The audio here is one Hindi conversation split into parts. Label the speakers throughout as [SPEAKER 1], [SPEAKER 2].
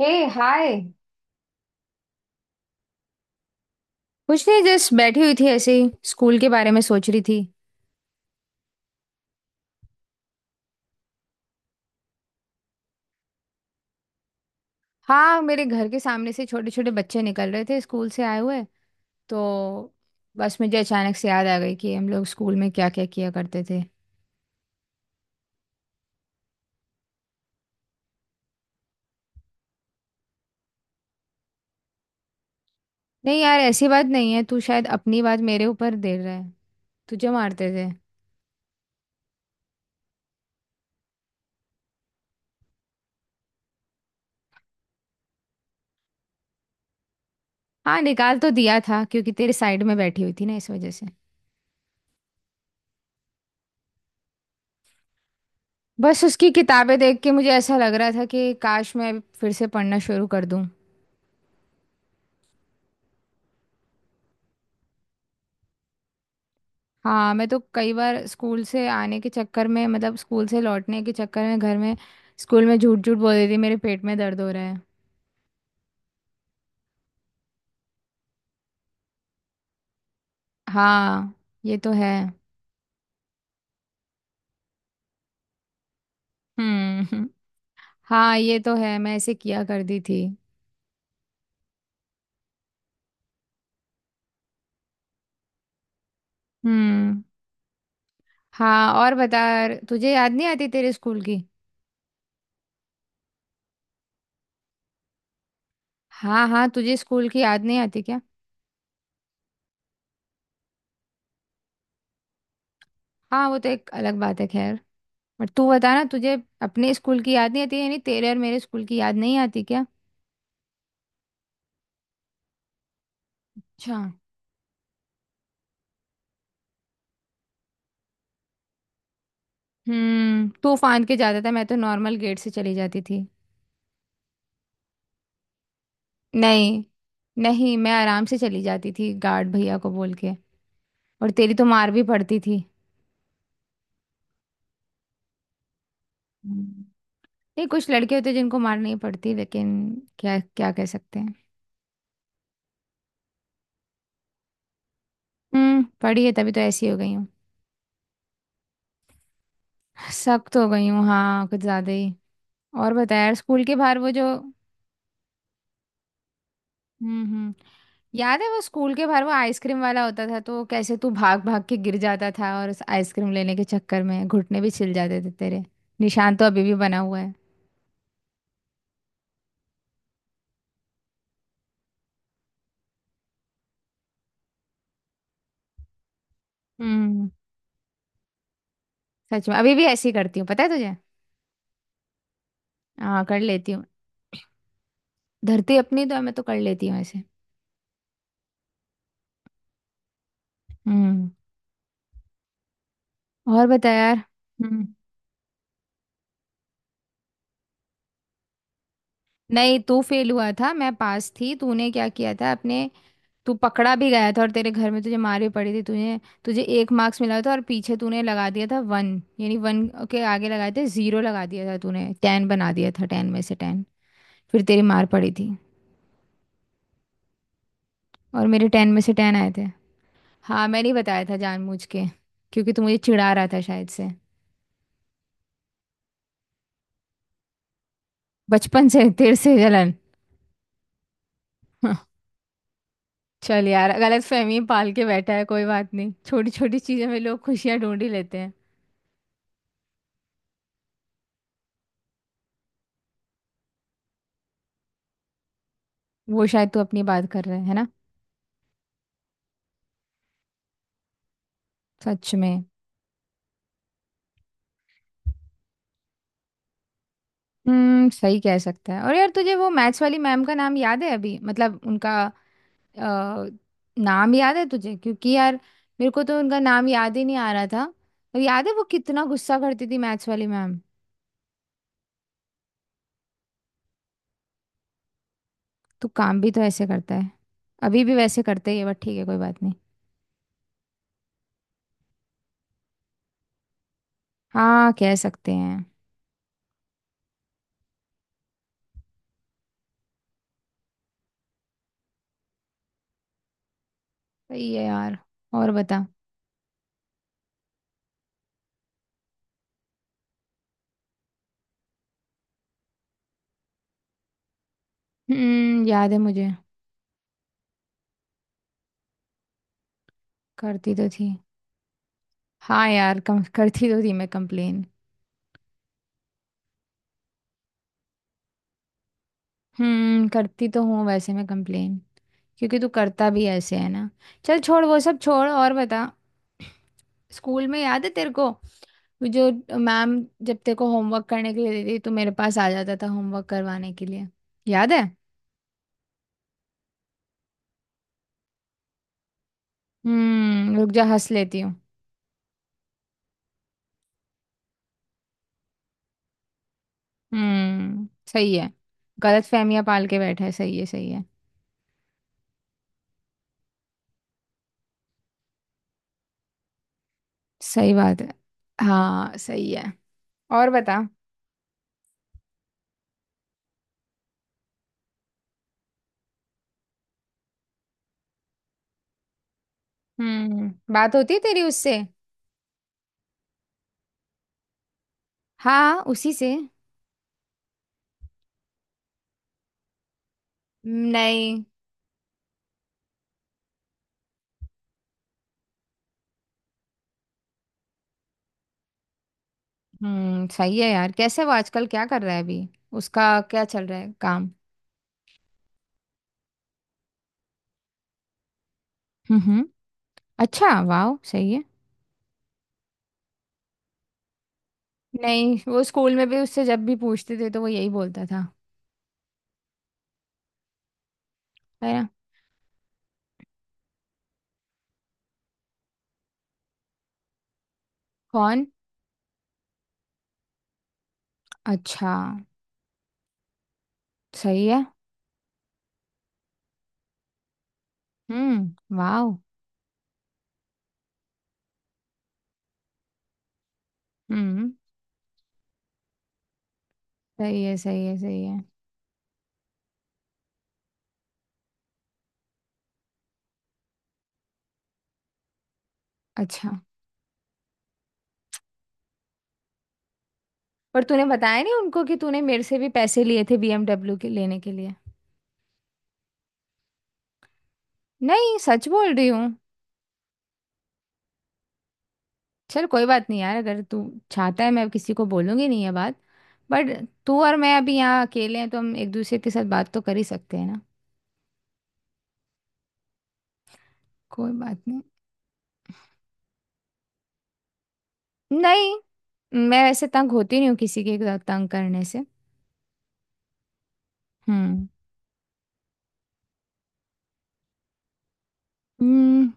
[SPEAKER 1] हे। हाय। कुछ नहीं जस्ट बैठी हुई थी ऐसे ही स्कूल के बारे में सोच रही थी। हाँ मेरे घर के सामने से छोटे छोटे बच्चे निकल रहे थे स्कूल से आए हुए तो बस मुझे अचानक से याद आ गई कि हम लोग स्कूल में क्या क्या किया करते थे। नहीं यार ऐसी बात नहीं है। तू शायद अपनी बात मेरे ऊपर दे रहा है। तुझे मारते थे। हाँ निकाल तो दिया था क्योंकि तेरे साइड में बैठी हुई थी ना इस वजह से। बस उसकी किताबें देख के मुझे ऐसा लग रहा था कि काश मैं फिर से पढ़ना शुरू कर दूं। हाँ मैं तो कई बार स्कूल से आने के चक्कर में मतलब स्कूल से लौटने के चक्कर में घर में स्कूल में झूठ झूठ बोल देती मेरे पेट में दर्द हो रहा है। हाँ ये तो है। हम्म। हाँ ये तो है, मैं ऐसे किया करती थी। हम्म। हाँ और बता। तुझे याद नहीं आती तेरे स्कूल की। हाँ हाँ तुझे स्कूल की याद नहीं आती क्या। हाँ वो तो एक अलग बात है खैर। पर तू बता ना तुझे अपने स्कूल की याद नहीं आती यानी तेरे और मेरे स्कूल की याद नहीं आती क्या। अच्छा। तू फांद के जाता था मैं तो नॉर्मल गेट से चली जाती थी। नहीं। नहीं मैं आराम से चली जाती थी गार्ड भैया को बोल के। और तेरी तो मार भी पड़ती थी। हम्म। नहीं कुछ लड़के होते जिनको मार नहीं पड़ती लेकिन क्या क्या कह सकते हैं। पढ़ी है तभी तो ऐसी हो गई हूँ। सख्त हो गई हूँ हाँ कुछ ज्यादा ही। और बता यार स्कूल के बाहर वो जो हम्म। याद है वो स्कूल के बाहर वो आइसक्रीम वाला होता था तो कैसे तू भाग भाग के गिर जाता था और उस आइसक्रीम लेने के चक्कर में घुटने भी छिल जाते थे तेरे। निशान तो अभी भी बना हुआ है। हम्म सच में अभी भी ऐसे ही करती हूँ पता है तुझे। हाँ कर लेती हूँ। धरती अपनी तो है, मैं तो कर लेती हूँ ऐसे। हम्म और बता यार। हम्म। नहीं तू फेल हुआ था मैं पास थी। तूने क्या किया था अपने तू पकड़ा भी गया था और तेरे घर में तुझे मार भी पड़ी थी। तुझे तुझे एक मार्क्स मिला था और पीछे तूने लगा दिया था वन। यानी वन के आगे लगाए थे जीरो लगा दिया था तूने टेन बना दिया था टेन में से टेन। फिर तेरी मार पड़ी थी। और मेरे टेन में से टेन आए थे। हाँ मैंने ही बताया था जानबूझ के। क्योंकि तू मुझे चिढ़ा रहा था शायद से। बचपन से तेरे से जलन। चल यार गलत फहमी पाल के बैठा है कोई बात नहीं छोटी छोटी चीज़ों में लोग खुशियाँ ढूंढ ही लेते हैं। वो शायद तू अपनी बात कर रहे है ना। सच में। सही कह सकता है। और यार तुझे वो मैथ्स वाली मैम का नाम याद है अभी मतलब उनका अ, नाम याद है तुझे क्योंकि यार मेरे को तो उनका नाम याद ही नहीं आ रहा था। और याद है वो कितना गुस्सा करती थी मैथ्स वाली मैम। तू काम भी तो ऐसे करता है। अभी भी वैसे करते ही है बट ठीक है कोई बात नहीं। हाँ कह सकते हैं। सही है यार और बता। याद है मुझे। करती तो थी। हाँ यार कम करती तो थी मैं कंप्लेन। करती तो हूँ वैसे मैं कंप्लेन। क्योंकि तू करता भी ऐसे है ना। चल छोड़ वो सब छोड़ और बता। स्कूल में याद है तेरे को जो मैम जब तेरे को होमवर्क करने के लिए देती थी, तो मेरे पास आ जाता था होमवर्क करवाने के लिए। याद है। रुक जा हंस लेती हूँ। सही है। गलत फहमियां पाल के बैठा है सही है सही है। सही बात है। हाँ सही है और बता। बात होती है तेरी उससे। हाँ हाँ, उसी से। नहीं। सही है यार। कैसे वो आजकल क्या कर रहा है अभी उसका क्या चल रहा है काम। हम्म हम्म अच्छा वाह सही है। नहीं वो स्कूल में भी उससे जब भी पूछते थे तो वो यही बोलता था है ना। कौन। अच्छा सही है। वाह। हम्म सही है सही है सही है। अच्छा पर तूने बताया नहीं उनको कि तूने मेरे से भी पैसे लिए थे बीएमडब्ल्यू के लेने के लिए। नहीं सच बोल रही हूँ। चल कोई बात नहीं यार अगर तू चाहता है मैं किसी को बोलूंगी नहीं ये बात। बट तू और मैं अभी यहाँ अकेले हैं तो हम एक दूसरे के साथ बात तो कर ही सकते हैं ना। कोई बात नहीं। नहीं मैं वैसे तंग होती नहीं हूँ किसी के साथ तंग करने से। हम्म। हम्म,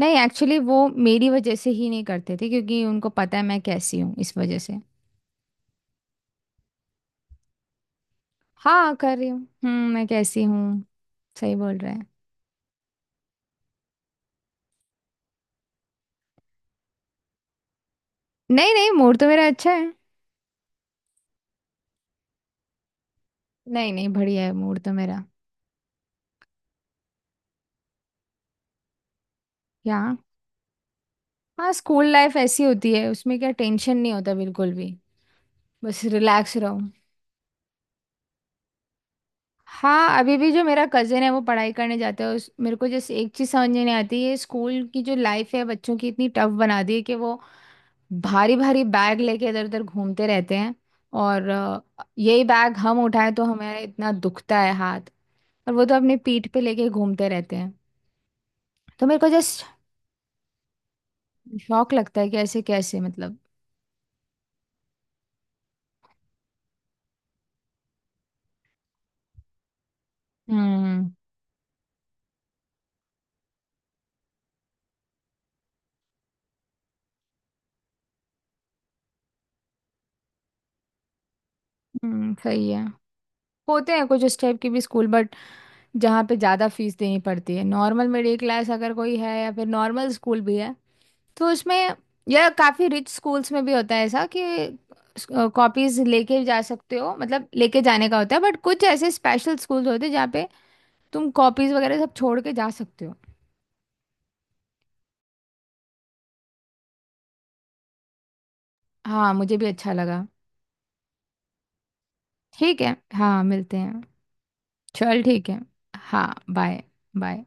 [SPEAKER 1] नहीं एक्चुअली वो मेरी वजह से ही नहीं करते थे क्योंकि उनको पता है मैं कैसी हूँ इस वजह से। हाँ कर रही हूँ मैं कैसी हूँ। सही बोल रहा है। नहीं नहीं मूड तो मेरा अच्छा है। नहीं नहीं बढ़िया है मूड तो मेरा। क्या। हाँ स्कूल लाइफ ऐसी होती है उसमें क्या टेंशन नहीं होता बिल्कुल भी। बस रिलैक्स रहो। हाँ अभी भी जो मेरा कज़न है वो पढ़ाई करने जाता है उस मेरे को जैसे एक चीज़ समझ नहीं आती है स्कूल की जो लाइफ है बच्चों की इतनी टफ बना दी है कि वो भारी भारी बैग लेके इधर उधर घूमते रहते हैं। और यही बैग हम उठाएं तो हमें इतना दुखता है हाथ। और वो तो अपनी पीठ पे लेके घूमते रहते हैं। तो मेरे को जस्ट शौक लगता है कि ऐसे कैसे मतलब। हम्म सही है। होते हैं कुछ उस टाइप के भी स्कूल बट जहाँ पे ज़्यादा फीस देनी पड़ती है नॉर्मल मिडिल क्लास अगर कोई है या फिर नॉर्मल स्कूल भी है तो उसमें या काफ़ी रिच स्कूल्स में भी होता है ऐसा कि कॉपीज लेके जा सकते हो मतलब लेके जाने का होता है बट कुछ ऐसे स्पेशल स्कूल्स होते हैं जहाँ पे तुम कॉपीज वगैरह सब छोड़ के जा सकते हो। हाँ मुझे भी अच्छा लगा। ठीक है हाँ मिलते हैं। चल ठीक है हाँ बाय बाय।